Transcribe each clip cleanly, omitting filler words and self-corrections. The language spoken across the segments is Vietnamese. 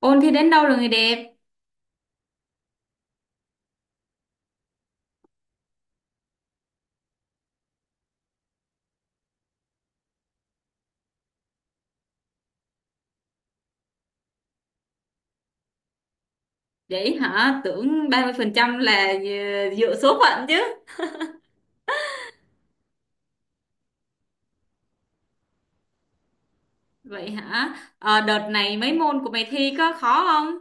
Ôn thi đến đâu rồi người đẹp? Vậy hả? Tưởng 30% là dựa số phận chứ. Vậy hả? Ờ, Đợt này mấy môn của mày thi có khó không?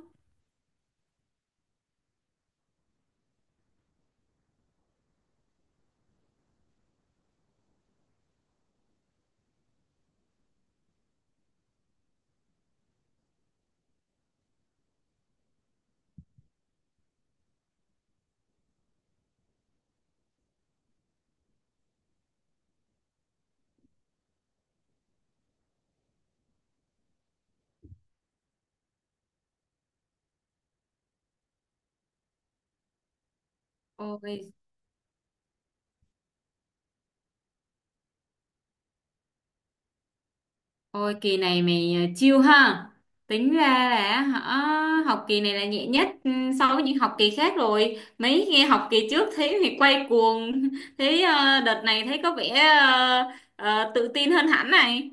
Ôi, ôi, kỳ này mày chill ha. Tính ra là hả? Học kỳ này là nhẹ nhất so với những học kỳ khác rồi. Mấy nghe học kỳ trước thấy mày quay cuồng. Thấy đợt này thấy có vẻ ờ, tự tin hơn hẳn này.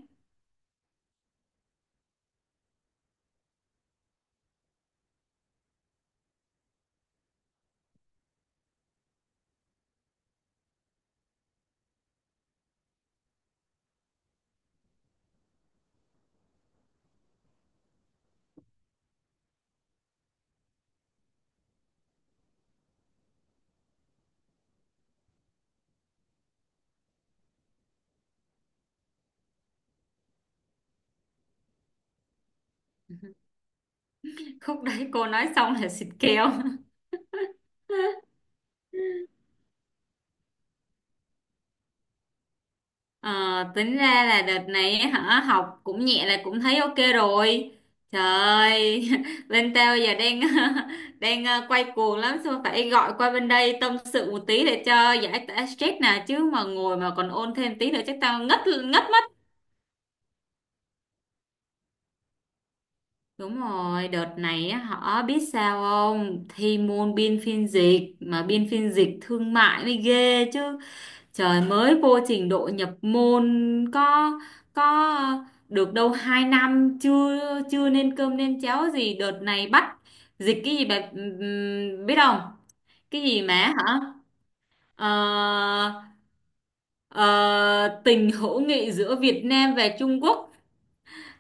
Khúc đấy cô nói xong là xịt kèo. Ờ, Tính ra là đợt này ấy hả học cũng nhẹ là cũng thấy ok rồi. Trời ơi, bên tao giờ đang đang quay cuồng lắm, xong phải gọi qua bên đây tâm sự một tí để cho giải tỏa stress nè, chứ mà ngồi mà còn ôn thêm tí nữa chắc tao ngất ngất mất. Đúng rồi, đợt này á, họ biết sao không, thi môn biên phiên dịch mà biên phiên dịch thương mại mới ghê chứ. Trời, mới vô trình độ nhập môn có được đâu 2 năm chưa chưa nên cơm nên cháo gì, đợt này bắt dịch cái gì bà biết không? Cái gì mà hả? Ờ, ờ, Tình hữu nghị giữa Việt Nam và Trung Quốc.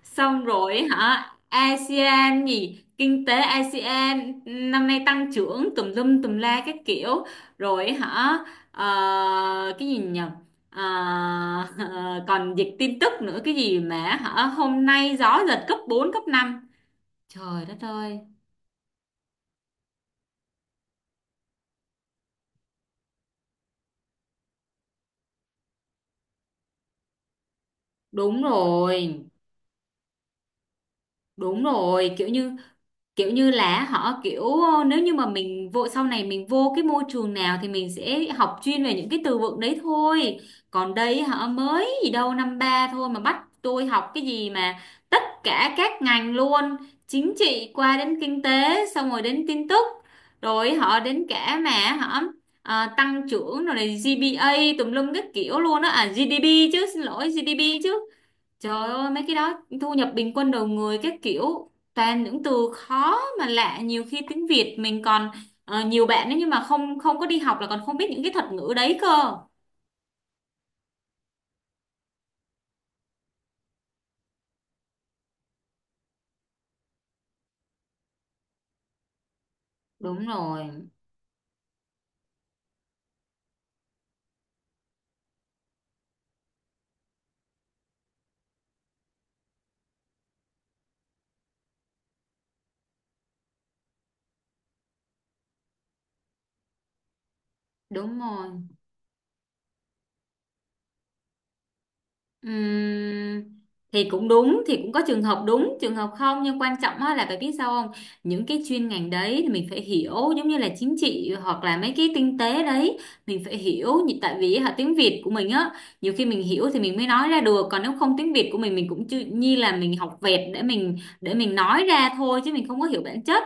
Xong rồi hả? ASEAN gì? Kinh tế ASEAN năm nay tăng trưởng tùm lum tùm la các kiểu. Rồi hả? Ờ, cái gì nhỉ? Ờ, Còn dịch tin tức nữa, cái gì mà hả? Hôm nay gió giật cấp 4 cấp 5. Trời đất ơi. Đúng rồi. Đúng rồi, kiểu như là họ kiểu, nếu như mà mình vô sau này mình vô cái môi trường nào thì mình sẽ học chuyên về những cái từ vựng đấy thôi. Còn đây họ mới gì đâu năm ba thôi mà bắt tôi học cái gì mà tất cả các ngành luôn, chính trị qua đến kinh tế xong rồi đến tin tức, rồi họ đến cả mà họ à, tăng trưởng rồi này GPA tùm lum các kiểu luôn á, à GDP chứ, xin lỗi GDP chứ. Trời ơi mấy cái đó thu nhập bình quân đầu người các kiểu, toàn những từ khó mà lạ, nhiều khi tiếng Việt mình còn nhiều bạn ấy nhưng mà không không có đi học là còn không biết những cái thuật ngữ đấy cơ. Đúng rồi, đúng rồi. Ừm, thì cũng đúng, thì cũng có trường hợp đúng trường hợp không, nhưng quan trọng á là phải biết sao không, những cái chuyên ngành đấy thì mình phải hiểu, giống như là chính trị hoặc là mấy cái kinh tế đấy mình phải hiểu tại vì hả tiếng Việt của mình á, nhiều khi mình hiểu thì mình mới nói ra được, còn nếu không tiếng Việt của mình cũng chưa như là mình học vẹt để mình nói ra thôi chứ mình không có hiểu bản chất.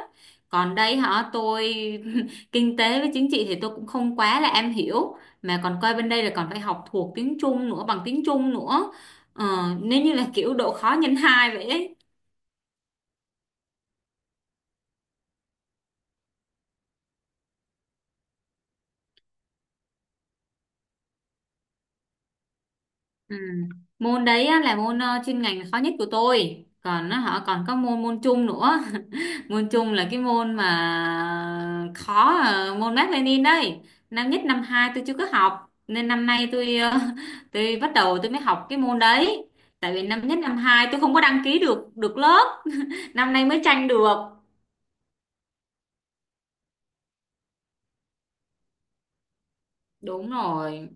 Còn đây hả tôi kinh tế với chính trị thì tôi cũng không quá là am hiểu, mà còn coi bên đây là còn phải học thuộc tiếng Trung nữa, bằng tiếng Trung nữa. Ờ, Nếu như là kiểu độ khó nhân 2 vậy ấy. Ừ. Môn đấy á, là môn chuyên ngành khó nhất của tôi. Còn nó họ còn có môn môn chung nữa. Môn chung là cái môn mà khó môn Mác Lênin đây. Năm nhất năm 2 tôi chưa có học nên năm nay tôi tôi bắt đầu tôi mới học cái môn đấy. Tại vì năm nhất năm 2 tôi không có đăng ký được được lớp, năm nay mới tranh được. Đúng rồi.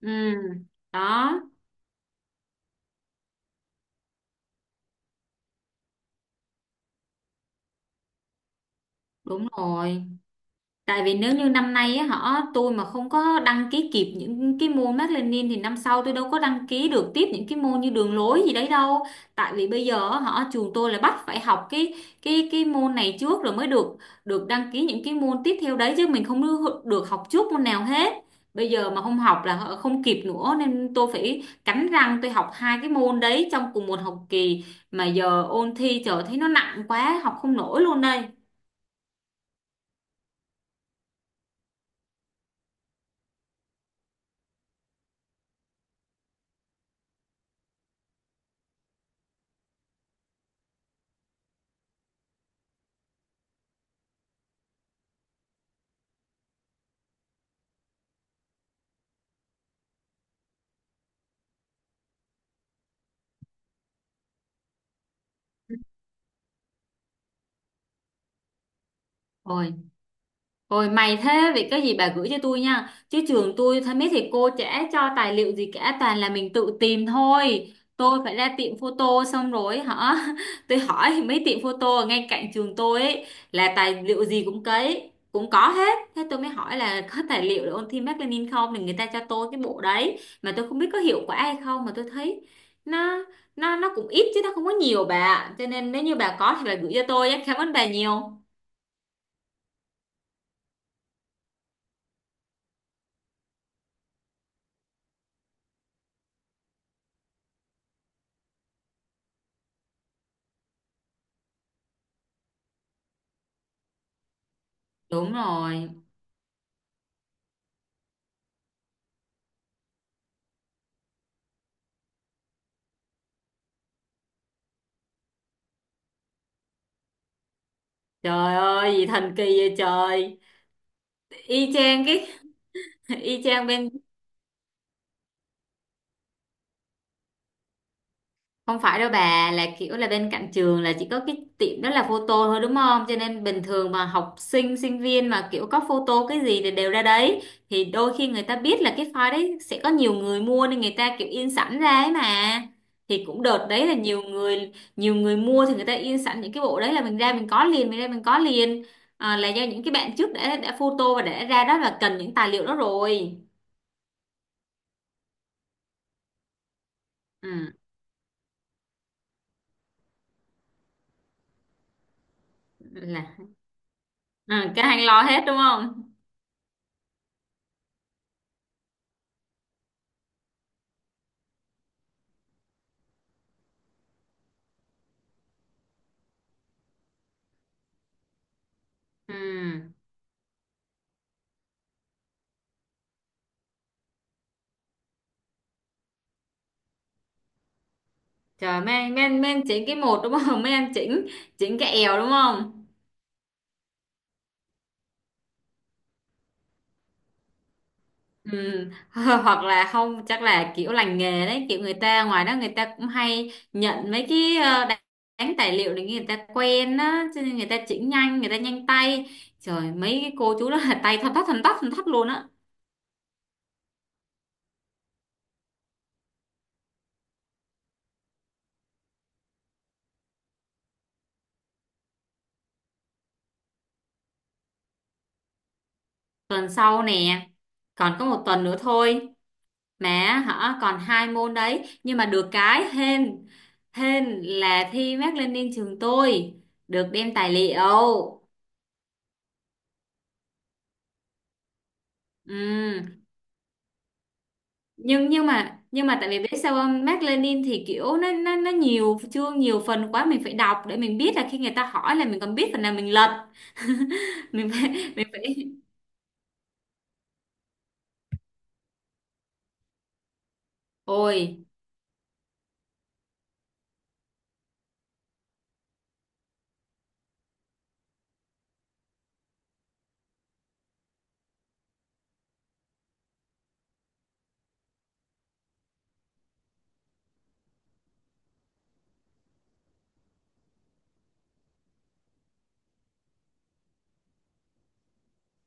Ừ. Đó, đúng rồi. Tại vì nếu như năm nay á, họ tôi mà không có đăng ký kịp những cái môn Mác Lênin thì năm sau tôi đâu có đăng ký được tiếp những cái môn như đường lối gì đấy đâu. Tại vì bây giờ á, họ trường tôi là bắt phải học cái môn này trước rồi mới được được đăng ký những cái môn tiếp theo đấy, chứ mình không được được học trước môn nào hết. Bây giờ mà không học là họ không kịp nữa nên tôi phải cắn răng tôi học 2 cái môn đấy trong cùng một học kỳ, mà giờ ôn thi trời thấy nó nặng quá học không nổi luôn đây. Ôi. Rồi mày thế vậy có gì bà gửi cho tôi nha, chứ trường tôi thấy mấy thầy cô chả cho tài liệu gì cả, toàn là mình tự tìm thôi. Tôi phải ra tiệm photo xong rồi hả. Tôi hỏi mấy tiệm photo ở ngay cạnh trường tôi ấy, là tài liệu gì cũng cấy, cũng có hết. Thế tôi mới hỏi là có tài liệu để ôn thi Mác Lênin không, thì người ta cho tôi cái bộ đấy, mà tôi không biết có hiệu quả hay không, mà tôi thấy nó nó cũng ít chứ nó không có nhiều bà ạ. Cho nên nếu như bà có thì bà gửi cho tôi nhé. Cảm ơn bà nhiều. Đúng rồi. Trời ơi, gì thần kỳ vậy trời. Y chang cái. Y chang bên không phải đâu bà, là kiểu là bên cạnh trường là chỉ có cái tiệm đó là photo thôi đúng không? Cho nên bình thường mà học sinh sinh viên mà kiểu có photo cái gì thì đều ra đấy. Thì đôi khi người ta biết là cái file đấy sẽ có nhiều người mua nên người ta kiểu in sẵn ra ấy mà. Thì cũng đợt đấy là nhiều người mua thì người ta in sẵn những cái bộ đấy là mình ra mình có liền, mình ra mình có liền. À, là do những cái bạn trước đã photo và đã ra đó là cần những tài liệu đó rồi. Ừ. Là à, cái hành lo hết đúng không? Ừ. Trời mấy anh chỉnh cái một đúng không? Mấy anh chỉnh chỉnh cái èo đúng không? Ừ. Hoặc là không, chắc là kiểu lành nghề đấy, kiểu người ta ngoài đó người ta cũng hay nhận mấy cái đánh tài liệu để người ta quen á, cho nên người ta chỉnh nhanh, người ta nhanh tay. Trời mấy cái cô chú đó là tay thon tắt thon tắt thon tắt luôn á. Tuần sau nè, còn có một tuần nữa thôi. Mà hả còn 2 môn đấy, nhưng mà được cái hên hên là thi Mác Lênin trường tôi được đem tài liệu. Ừ. nhưng mà tại vì biết sao không, Mác Lênin thì kiểu nó nhiều chương nhiều phần quá, mình phải đọc để mình biết là khi người ta hỏi là mình còn biết phần nào mình lật. mình phải mình phải. Ôi.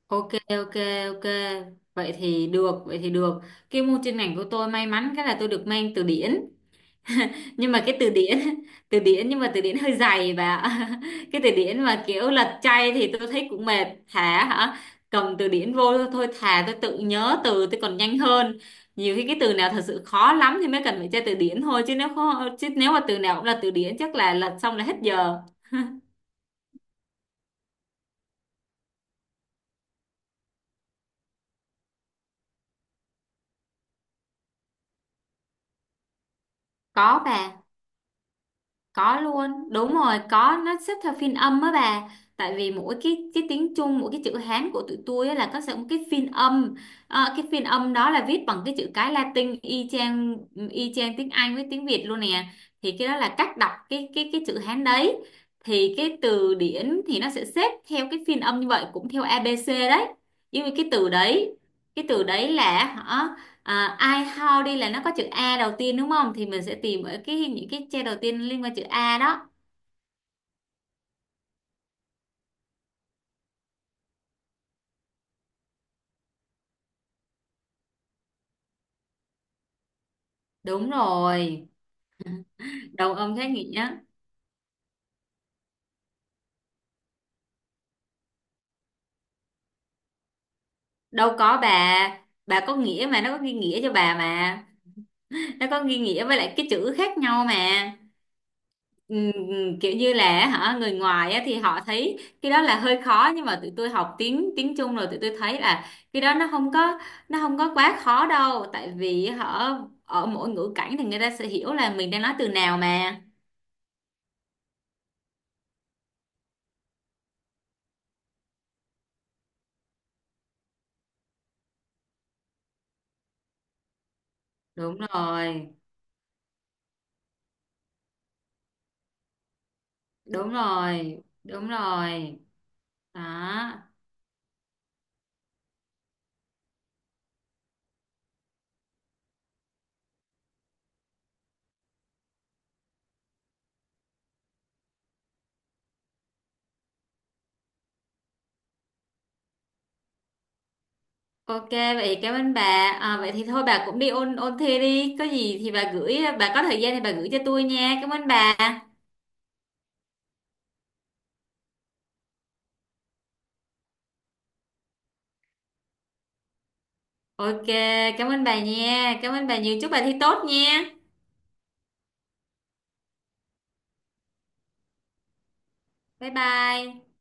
Ok, ok, ok, vậy thì được, vậy thì được. Cái môn chuyên ngành của tôi may mắn cái là tôi được mang từ điển, nhưng mà cái từ điển từ điển nhưng mà từ điển hơi dày bà ạ. Cái từ điển mà kiểu lật chay thì tôi thấy cũng mệt, thà hả cầm từ điển vô thôi, thà tôi tự nhớ từ tôi còn nhanh hơn. Nhiều khi cái từ nào thật sự khó lắm thì mới cần phải tra từ điển thôi, chứ nếu mà từ nào cũng là từ điển chắc là lật xong là hết giờ. Có bà. Có luôn, đúng rồi, có, nó xếp theo phiên âm á bà, tại vì mỗi cái tiếng Trung mỗi cái chữ Hán của tụi tôi á là có sẽ một cái phiên âm. Cái phiên âm đó là viết bằng cái chữ cái Latin y chang, tiếng Anh với tiếng Việt luôn nè. Thì cái đó là cách đọc cái chữ Hán đấy. Thì cái từ điển thì nó sẽ xếp theo cái phiên âm như vậy cũng theo ABC đấy, nhưng mà cái từ đấy là hả, à, I how đi là nó có chữ A đầu tiên đúng không? Thì mình sẽ tìm ở cái những cái che đầu tiên liên quan chữ A đó. Đúng rồi. Đồng âm khác nghĩa. Đâu có bà. Bà có nghĩa mà nó có ghi nghĩa cho bà mà. Nó có ghi nghĩa với lại cái chữ khác nhau mà. Kiểu như là hả người ngoài á, thì họ thấy cái đó là hơi khó nhưng mà tụi tôi học tiếng tiếng Trung rồi tụi tôi thấy là cái đó nó không có quá khó đâu, tại vì họ ở mỗi ngữ cảnh thì người ta sẽ hiểu là mình đang nói từ nào mà. Đúng rồi, đúng rồi, đúng rồi. Đó. Ok vậy cảm ơn bà. À, vậy thì thôi bà cũng đi ôn ôn thi đi, có gì thì bà gửi, bà có thời gian thì bà gửi cho tôi nha, cảm ơn bà. Ok. Cảm ơn bà nha, cảm ơn bà nhiều, chúc bà thi tốt nha. Bye bye.